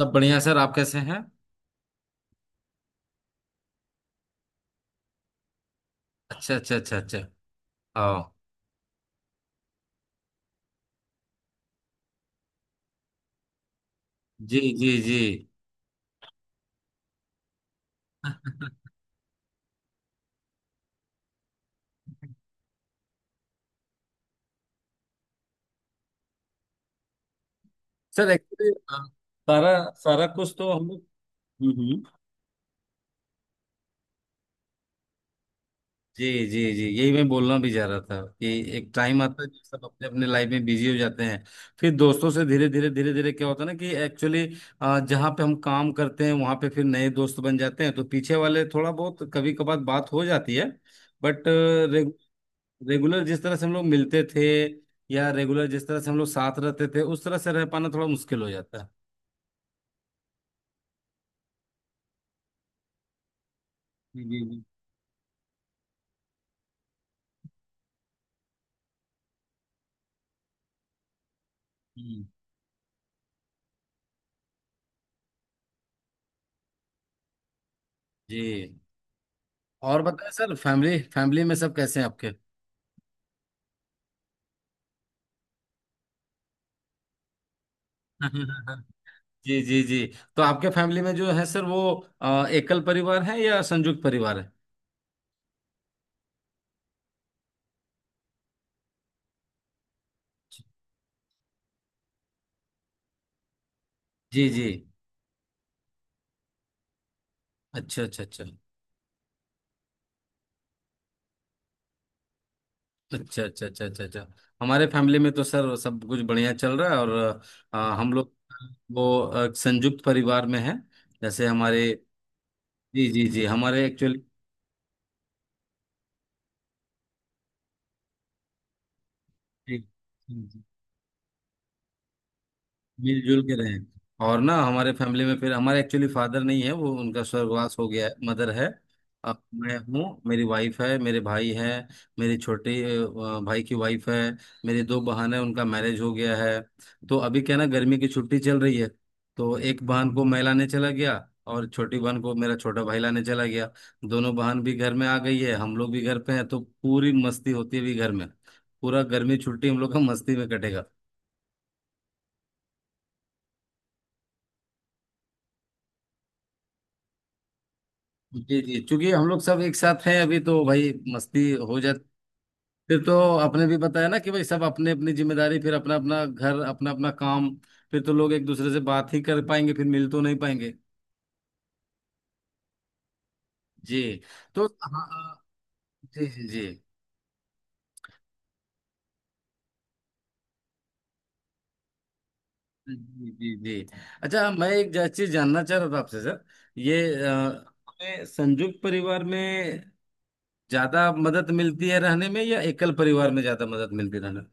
सब बढ़िया सर। आप कैसे हैं? अच्छा, अच्छा, अच्छा, अच्छा। आओ। जी जी जी। सर एक्चुअली सारा सारा कुछ तो हम लोग... हम्म, हम्म। जी जी जी, यही मैं बोलना भी जा रहा था कि एक टाइम आता है जब सब अपने अपने लाइफ में बिजी हो जाते हैं। फिर दोस्तों से धीरे धीरे धीरे धीरे क्या होता है ना कि एक्चुअली जहाँ पे हम काम करते हैं वहाँ पे फिर नए दोस्त बन जाते हैं, तो पीछे वाले थोड़ा बहुत कभी कभार बात हो जाती है। बट रेगुलर जिस तरह से हम लोग मिलते थे, या रेगुलर जिस तरह से हम लोग साथ रहते थे, उस तरह से रह पाना थोड़ा मुश्किल हो जाता है। जी जी जी। हम्म। जी। और बताएं सर, फैमिली फैमिली में सब कैसे हैं आपके? जी जी जी। तो आपके फैमिली में जो है सर वो एकल परिवार है या संयुक्त परिवार है? जी जी। अच्छा, अच्छा, अच्छा, अच्छा। अच्छा, अच्छा, अच्छा, अच्छा। हमारे फैमिली में तो सर सब कुछ बढ़िया चल रहा है। और हम लोग वो संयुक्त परिवार में है। जैसे हमारे... जी जी जी हमारे एक्चुअली... जी, जी, मिलजुल के रहें। और ना हमारे फैमिली में, फिर हमारे एक्चुअली फादर नहीं है, वो उनका स्वर्गवास हो गया है, मदर है। अब मैं हूँ, मेरी वाइफ है, मेरे भाई है, मेरी छोटे भाई की वाइफ है, मेरी दो बहन है, उनका मैरिज हो गया है। तो अभी क्या ना गर्मी की छुट्टी चल रही है, तो एक बहन को मैं लाने चला गया, और छोटी बहन को मेरा छोटा भाई लाने चला गया। दोनों बहन भी घर में आ गई है, हम लोग भी घर पे हैं, तो पूरी मस्ती होती है भी घर में। पूरा गर्मी छुट्टी हम लोग का मस्ती में कटेगा। जी जी, क्योंकि हम लोग सब एक साथ हैं अभी, तो भाई मस्ती हो जाती। फिर तो आपने भी बताया ना कि भाई सब अपने अपनी जिम्मेदारी, फिर अपना अपना घर, अपना अपना काम, फिर तो लोग एक दूसरे से बात ही कर पाएंगे, फिर मिल तो नहीं पाएंगे। जी। तो हाँ। जी जी जी जी। जी जी अच्छा, मैं एक चीज जानना चाह रहा था आपसे सर। ये हमें संयुक्त परिवार में ज्यादा मदद मिलती है रहने में, या एकल परिवार में ज्यादा मदद मिलती है रहने में?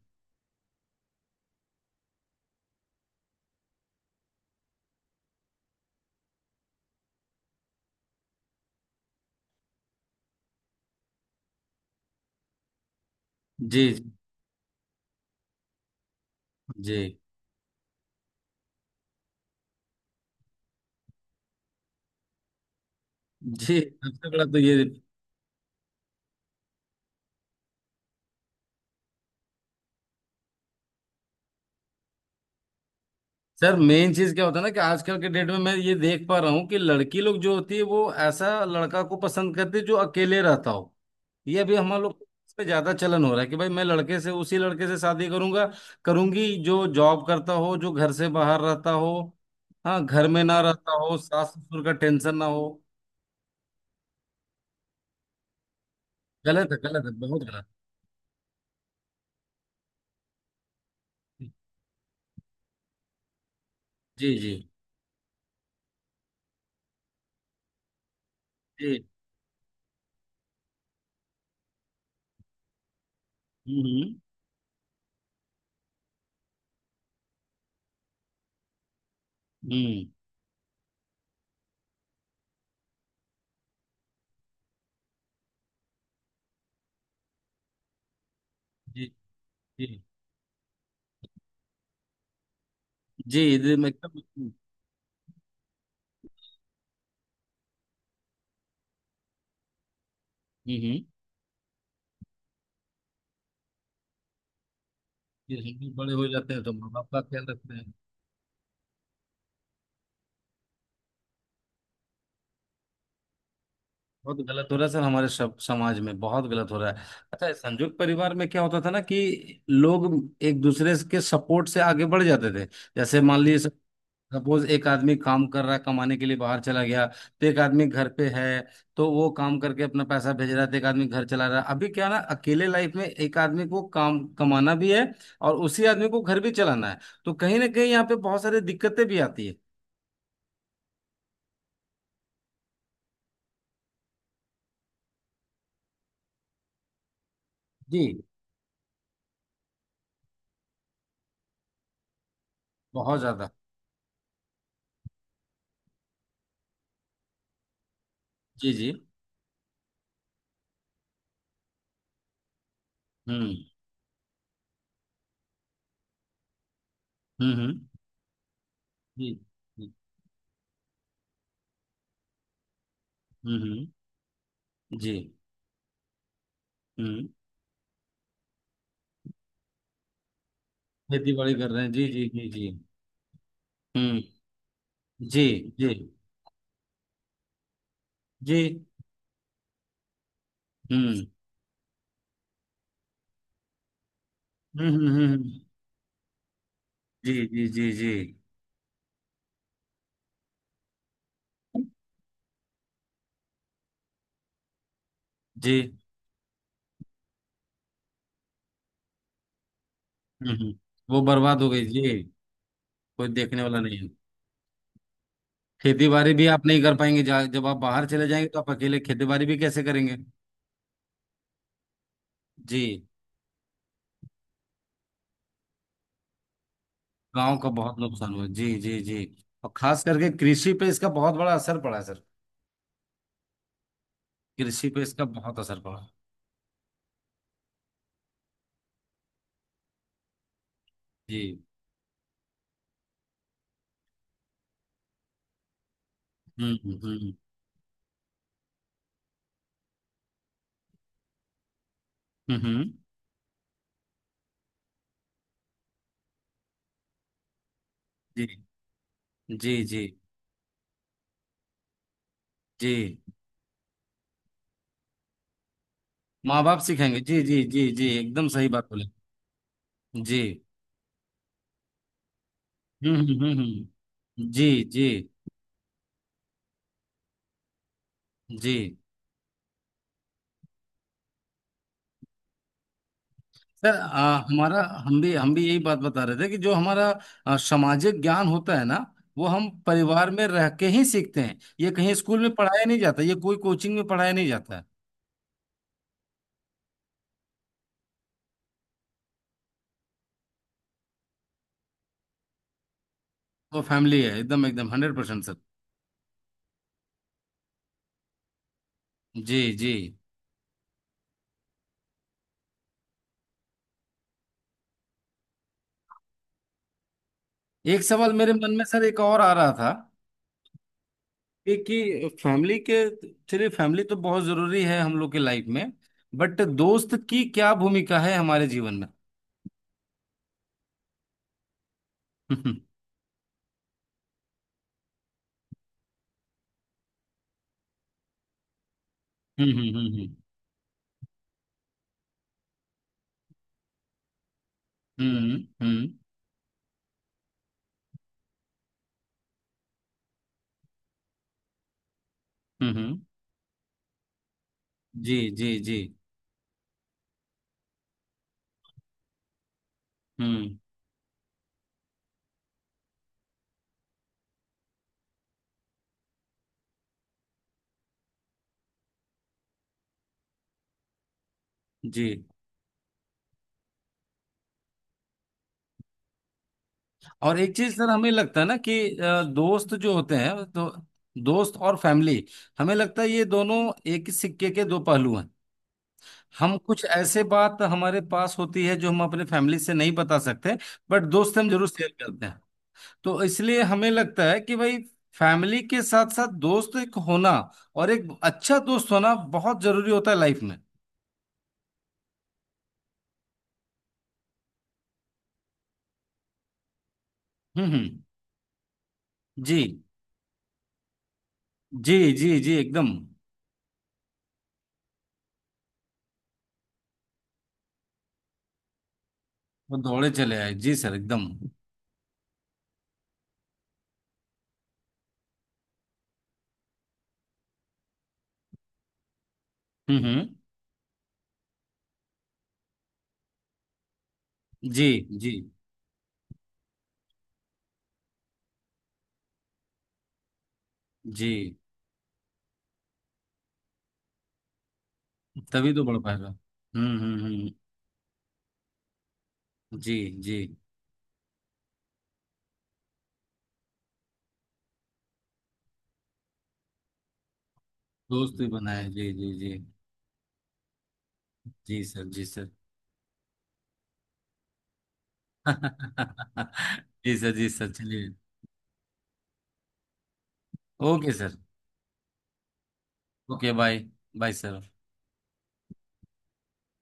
जी जी जी जी। सबसे बड़ा तो ये... सर मेन चीज क्या होता है ना कि आजकल के डेट में मैं ये देख पा रहा हूँ कि लड़की लोग जो होती है वो ऐसा लड़का को पसंद करती है जो अकेले रहता हो। ये अभी हम लोग पे ज्यादा चलन हो रहा है कि भाई मैं लड़के से, उसी लड़के से शादी करूंगा, करूंगी, जो जॉब करता हो, जो घर से बाहर रहता हो, हाँ घर में ना रहता हो, सास ससुर का टेंशन ना हो। गलत है, गलत है, बहुत गलत। जी जी जी। हम्म, हम्म, जी जी जी। जी, एकदम हम्म। हम्म। फिर हम भी बड़े हो जाते हैं तो माँ बाप का ख्याल रखते हैं। बहुत गलत हो रहा है सर, हमारे सब समाज में बहुत गलत हो रहा है। अच्छा, इस संयुक्त परिवार में क्या होता था ना कि लोग एक दूसरे के सपोर्ट से आगे बढ़ जाते थे। जैसे मान लीजिए, सपोज एक आदमी काम कर रहा है, कमाने के लिए बाहर चला गया, तो एक आदमी घर पे है, तो वो काम करके अपना पैसा भेज रहा है, तो एक आदमी घर चला रहा है। अभी क्या ना अकेले लाइफ में एक आदमी को काम कमाना भी है और उसी आदमी को घर भी चलाना है, तो कहीं ना कहीं यहाँ पे बहुत सारी दिक्कतें भी आती है। जी। बहुत ज्यादा। जी जी। हम्म हम्म। जी। हम्म हम्म, जी। हम्म। खेती बाड़ी कर रहे हैं, जी जी जी जी। हम्म। जी जी। जी। हम्म हम्म हम्म हम्म, हम्म, जी जी जी जी। जी। हम्म, हम्म। वो बर्बाद हो गई जी। कोई देखने वाला नहीं है। खेती बाड़ी भी आप नहीं कर पाएंगे, जब आप बाहर चले जाएंगे तो आप अकेले खेती बाड़ी भी कैसे करेंगे? जी। गांव का बहुत नुकसान हुआ, जी जी जी। और खास करके कृषि पे इसका बहुत बड़ा असर पड़ा है सर। कृषि पे इसका बहुत असर पड़ा। जी। हम्म हम्म हम्म हम्म, हम्म, जी जी जी जी। माँ बाप सिखाएंगे, जी जी जी जी, एकदम सही बात बोले। जी। जी जी। जी सर हमारा हम भी यही बात बता रहे थे कि जो हमारा सामाजिक ज्ञान होता है ना, वो हम परिवार में रह के ही सीखते हैं, ये कहीं स्कूल में पढ़ाया नहीं जाता, ये कोई कोचिंग में पढ़ाया नहीं जाता है। वो फैमिली है, एकदम एकदम 100% सर। जी जी। एक सवाल मेरे मन में सर एक और आ रहा था। एक कि फैमिली के... चलिए फैमिली तो बहुत जरूरी है हम लोग के लाइफ में, बट दोस्त की क्या भूमिका है हमारे जीवन में? हम्म, हम्म, हम्म, हम्म, हम्म, हम्म, हम्म, हम्म। जी जी जी। हम्म। जी। और एक चीज सर हमें लगता है ना कि दोस्त जो होते हैं तो दोस्त और फैमिली, हमें लगता है ये दोनों एक ही सिक्के के दो पहलू हैं। हम कुछ ऐसे बात हमारे पास होती है जो हम अपने फैमिली से नहीं बता सकते, बट दोस्त से हम जरूर शेयर करते हैं। तो इसलिए हमें लगता है कि भाई फैमिली के साथ साथ दोस्त एक होना और एक अच्छा दोस्त होना बहुत जरूरी होता है लाइफ में। हम्म, हम्म। जी जी जी जी एकदम। वो दौड़े चले आए, जी सर, एकदम। हम्म, हम्म। जी जी जी। तभी तो बढ़ पाएगा, जी जी। दोस्त भी बनाए, जी जी जी। जी सर, जी सर। जी सर, जी सर, चलिए। Okay sir. Okay bye. Bye sir.